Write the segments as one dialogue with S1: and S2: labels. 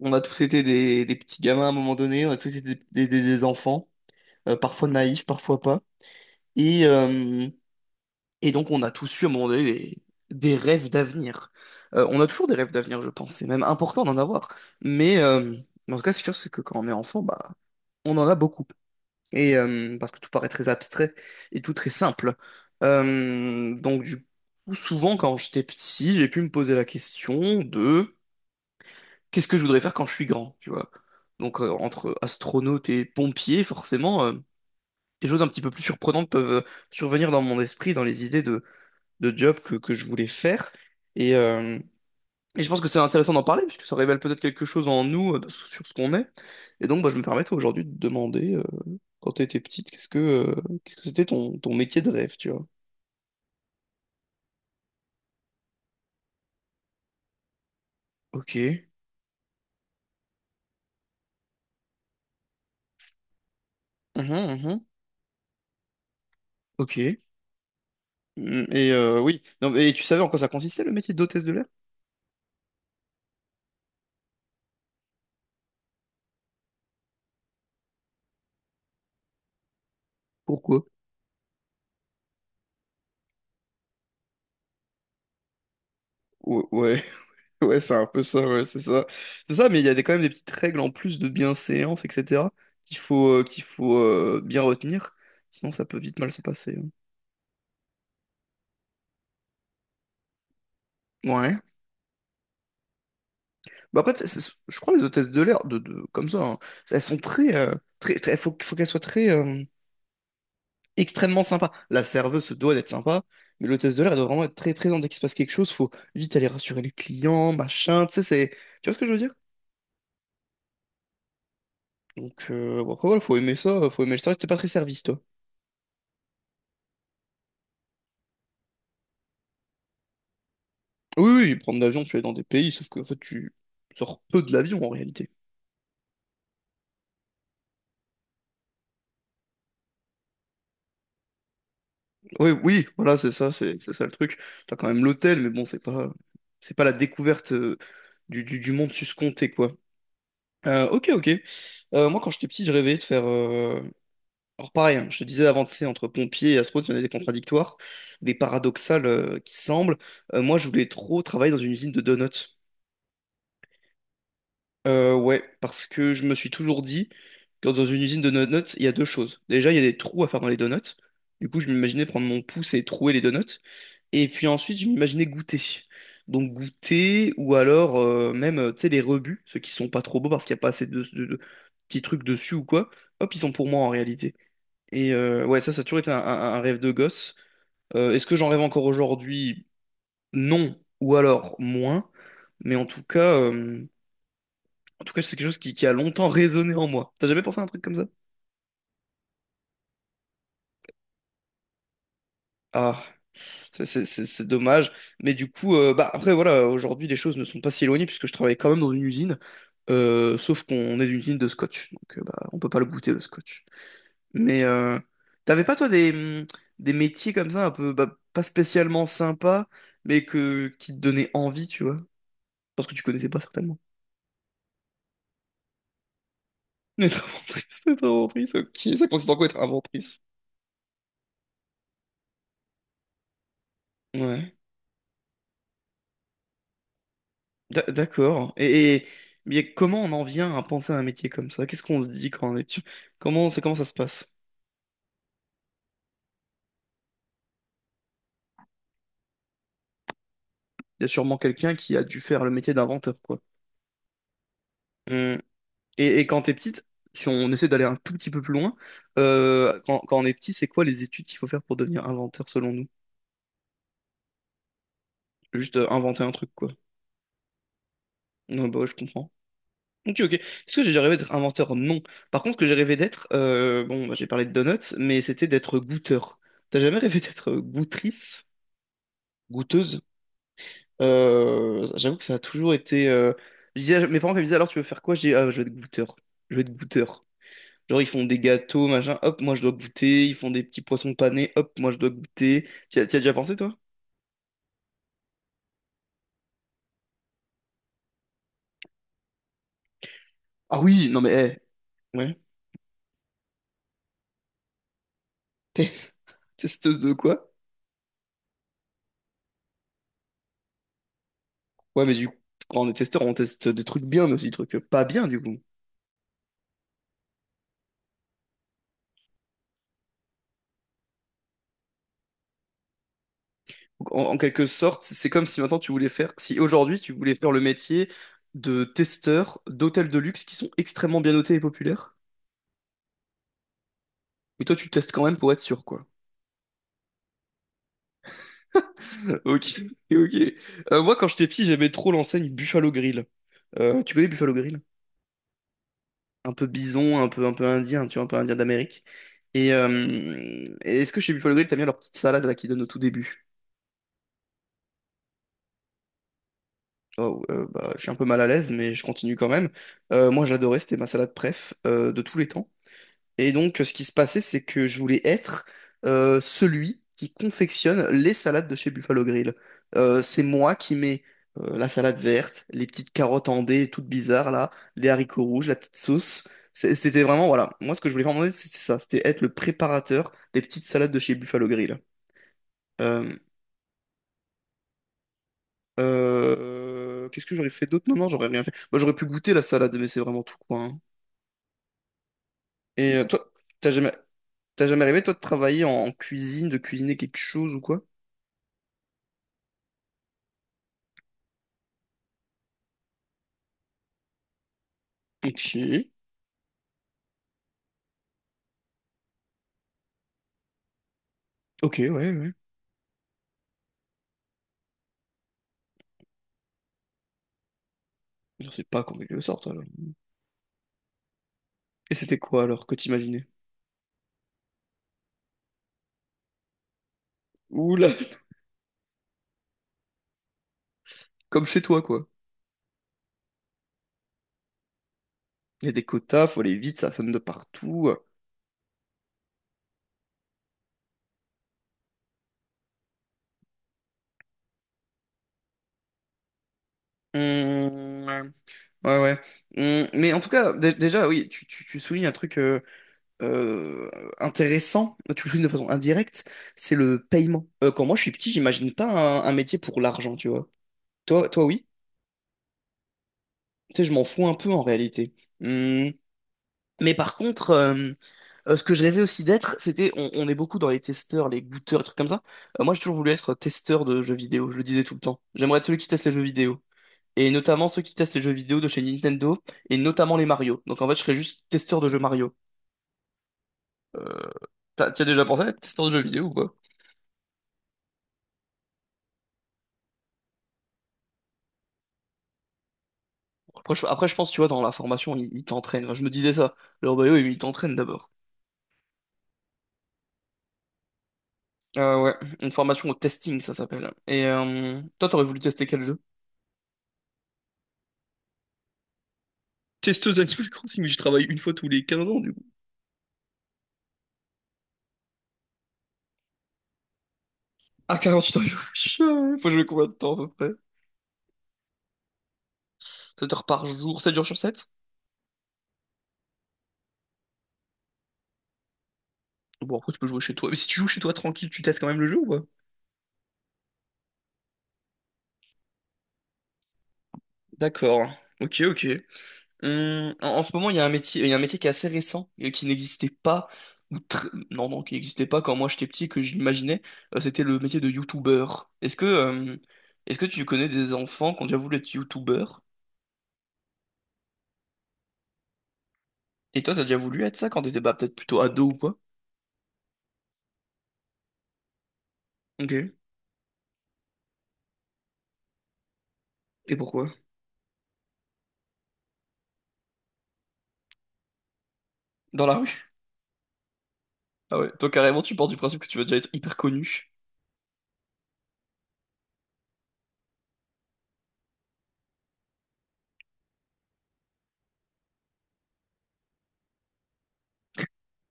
S1: On a tous été des petits gamins à un moment donné, on a tous été des enfants, parfois naïfs, parfois pas. Et, euh, et donc on a tous eu à un moment donné des rêves d'avenir. On a toujours des rêves d'avenir, je pense. C'est même important d'en avoir. Mais euh, mais en tout cas, ce qui est sûr, c'est que quand on est enfant, bah, on en a beaucoup. Et parce que tout paraît très abstrait et tout très simple. Donc du coup, souvent quand j'étais petit, j'ai pu me poser la question de qu'est-ce que je voudrais faire quand je suis grand, tu vois? Donc entre astronaute et pompier, forcément, des choses un petit peu plus surprenantes peuvent survenir dans mon esprit, dans les idées de job que je voulais faire. Et, euh, et je pense que c'est intéressant d'en parler, puisque ça révèle peut-être quelque chose en nous, sur ce qu'on est. Et donc bah, je me permets toi, aujourd'hui de te demander, quand tu étais petite, qu'est-ce que c'était ton métier de rêve, tu vois? Ok. Mhm, mhm. Ok. Mm. Et oui. Non, mais tu savais en quoi ça consistait le métier d'hôtesse de l'air? Pourquoi? Ouais. Ouais, c'est un peu ça, ouais, c'est ça. C'est ça, mais il y a quand même des petites règles en plus de bienséance, etc., qu'il faut bien retenir. Sinon, ça peut vite mal se passer, hein. Ouais. Bah après, je crois que les hôtesses de l'air, de, comme ça, hein, elles sont très. Faut qu'elles soient extrêmement sympas. La serveuse se doit d'être sympa, mais l'hôtesse de l'air, elle doit vraiment être très présente. Dès qu'il se passe quelque chose, faut vite aller rassurer les clients, machin, tu sais, c'est... Tu vois ce que je veux dire? Donc, bon, après, voilà, faut aimer ça, faut aimer le service. T'es pas très service, toi. Oui, oui, prendre l'avion, tu es dans des pays, sauf que en fait, tu sors peu de l'avion en réalité. Oui, oui, voilà, c'est ça, c'est ça le truc. T'as quand même l'hôtel, mais bon, c'est pas la découverte du monde suscompté, quoi. Ok, ok. Moi, quand j'étais petit, je rêvais de faire. Alors, pareil, hein, je te disais avant, tu sais, entre pompiers et astronautes, il y en a des contradictoires, des paradoxales qui semblent. Moi, je voulais trop travailler dans une usine de donuts. Ouais, parce que je me suis toujours dit que dans une usine de donuts, il y a deux choses. Déjà, il y a des trous à faire dans les donuts. Du coup, je m'imaginais prendre mon pouce et trouer les donuts. Et puis ensuite, je m'imaginais goûter. Donc goûter, ou alors même, tu sais, les rebuts, ceux qui sont pas trop beaux parce qu'il n'y a pas assez de petits trucs dessus ou quoi. Hop, ils sont pour moi en réalité. Et ouais, ça a toujours été un rêve de gosse. Est-ce que j'en rêve encore aujourd'hui? Non, ou alors moins. Mais en tout cas, c'est quelque chose qui a longtemps résonné en moi. T'as jamais pensé à un truc comme ça? Ah, c'est dommage. Mais du coup, bah après, voilà, aujourd'hui, les choses ne sont pas si éloignées puisque je travaille quand même dans une usine. Sauf qu'on est d'une usine de scotch. Donc, bah, on peut pas le goûter, le scotch. Mais t'avais pas, toi, hum, des métiers comme ça, un peu bah, pas spécialement sympas, mais qui te donnaient envie, tu vois? Parce que tu connaissais pas certainement. Être inventrice, ok. Ça consiste en quoi être inventrice? Ouais. D'accord. Mais comment on en vient à penser à un métier comme ça? Qu'est-ce qu'on se dit quand on est... dessus. Comment ça se passe? Il y a sûrement quelqu'un qui a dû faire le métier d'inventeur, quoi. Hum. Et quand t'es petite, si on essaie d'aller un tout petit peu plus loin, quand on est petit, c'est quoi les études qu'il faut faire pour devenir inventeur selon nous? Juste inventer un truc, quoi. Non, bah ouais, je comprends. Ok, ok. Est-ce que j'ai déjà rêvé d'être inventeur? Non. Par contre, ce que j'ai rêvé d'être, bon, bah, j'ai parlé de donuts, mais c'était d'être goûteur. T'as jamais rêvé d'être goûtrice? Goûteuse? J'avoue que ça a toujours été. Je disais, mes parents me disaient alors tu veux faire quoi? Je dis ah, je veux être goûteur. Je veux être goûteur. Genre ils font des gâteaux, machin, hop, moi je dois goûter. Ils font des petits poissons panés, hop, moi je dois goûter. T'y as déjà pensé toi? Ah oui, non mais ouais. T'es testeuse de quoi? Ouais mais du coup, quand on est testeur, on teste des trucs bien mais aussi des trucs pas bien du coup. Donc, en quelque sorte, c'est comme si maintenant tu voulais faire, si aujourd'hui tu voulais faire le métier de testeur d'hôtels de luxe qui sont extrêmement bien notés et populaires, mais toi tu testes quand même pour être sûr quoi. Ok, ok. Moi, quand j'étais petit, j'aimais trop l'enseigne Buffalo Grill. Tu connais Buffalo Grill? Un peu bison, un peu indien, tu vois, un peu indien d'Amérique. Et euh, et est-ce que chez Buffalo Grill, t'as bien leur petite salade là qu'ils donnent au tout début? Oh, bah, je suis un peu mal à l'aise, mais je continue quand même. Moi, j'adorais, c'était ma salade préf de tous les temps. Et donc, ce qui se passait, c'est que je voulais être celui qui confectionne les salades de chez Buffalo Grill. C'est moi qui mets la salade verte, les petites carottes en dés toutes bizarres là, les haricots rouges, la petite sauce. C'était vraiment, voilà. Moi, ce que je voulais vraiment, c'est ça. C'était être le préparateur des petites salades de chez Buffalo Grill. Euh, Qu'est-ce que j'aurais fait d'autre? Non, non, j'aurais rien fait. Moi, j'aurais pu goûter la salade, mais c'est vraiment tout, quoi, hein. Et toi, t'as jamais, t'as jamais rêvé, toi, de travailler en cuisine, de cuisiner quelque chose ou quoi? Ok, ok, ouais, ouais. Je sais pas combien ils le sortent alors. Et c'était quoi alors que t'imaginais? Oula, comme chez toi quoi. Il y a des quotas, faut aller vite, ça sonne de partout. Hum, ouais, ouais. Mais en tout cas, déjà, oui, tu soulignes un truc euh, intéressant, tu le soulignes de façon indirecte, c'est le paiement. Quand moi je suis petit, j'imagine pas un métier pour l'argent, tu vois. Toi, toi, oui. Tu sais, je m'en fous un peu en réalité. Mmh. Mais par contre, ce que je rêvais aussi d'être, c'était, on est beaucoup dans les testeurs, les goûteurs, les trucs comme ça. Moi, j'ai toujours voulu être testeur de jeux vidéo, je le disais tout le temps. J'aimerais être celui qui teste les jeux vidéo. Et notamment ceux qui testent les jeux vidéo de chez Nintendo, et notamment les Mario. Donc en fait, je serais juste testeur de jeux Mario. Euh, t'y as déjà pensé à être testeur de jeux vidéo ou quoi? Après, je pense, tu vois, dans la formation, ils t'entraînent. Enfin, je me disais ça. Leur bio, ils t'entraînent d'abord. Ouais, une formation au testing, ça s'appelle. Et toi, t'aurais voulu tester quel jeu? Testeuse Animal Crossing, mais je travaille une fois tous les 15 ans. Ah, 48 heures, il faut jouer combien de temps à peu près? 7 heures par jour, 7 jours sur 7? Bon, après, tu peux jouer chez toi. Mais si tu joues chez toi tranquille, tu testes quand même le jeu ou pas? D'accord. Ok, ok. En ce moment, il y a un métier, il y a un métier qui est assez récent et qui n'existait pas, non, non, qui n'existait pas quand moi j'étais petit, et que je l'imaginais. C'était le métier de youtubeur. Est-ce que tu connais des enfants qui ont déjà voulu être youtubeur? Et toi, t'as déjà voulu être ça quand t'étais bah, peut-être plutôt ado ou quoi? Ok. Et pourquoi? Dans la rue? Ah ouais. Toi, carrément, tu pars du principe que tu vas déjà être hyper connu.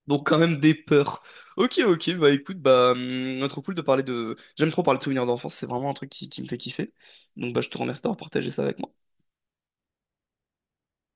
S1: Donc, quand même des peurs. Ok, ok, bah écoute, bah, trop cool de parler de. J'aime trop parler de souvenirs d'enfance, c'est vraiment un truc qui me fait kiffer. Donc, bah, je te remercie d'avoir partagé ça avec moi.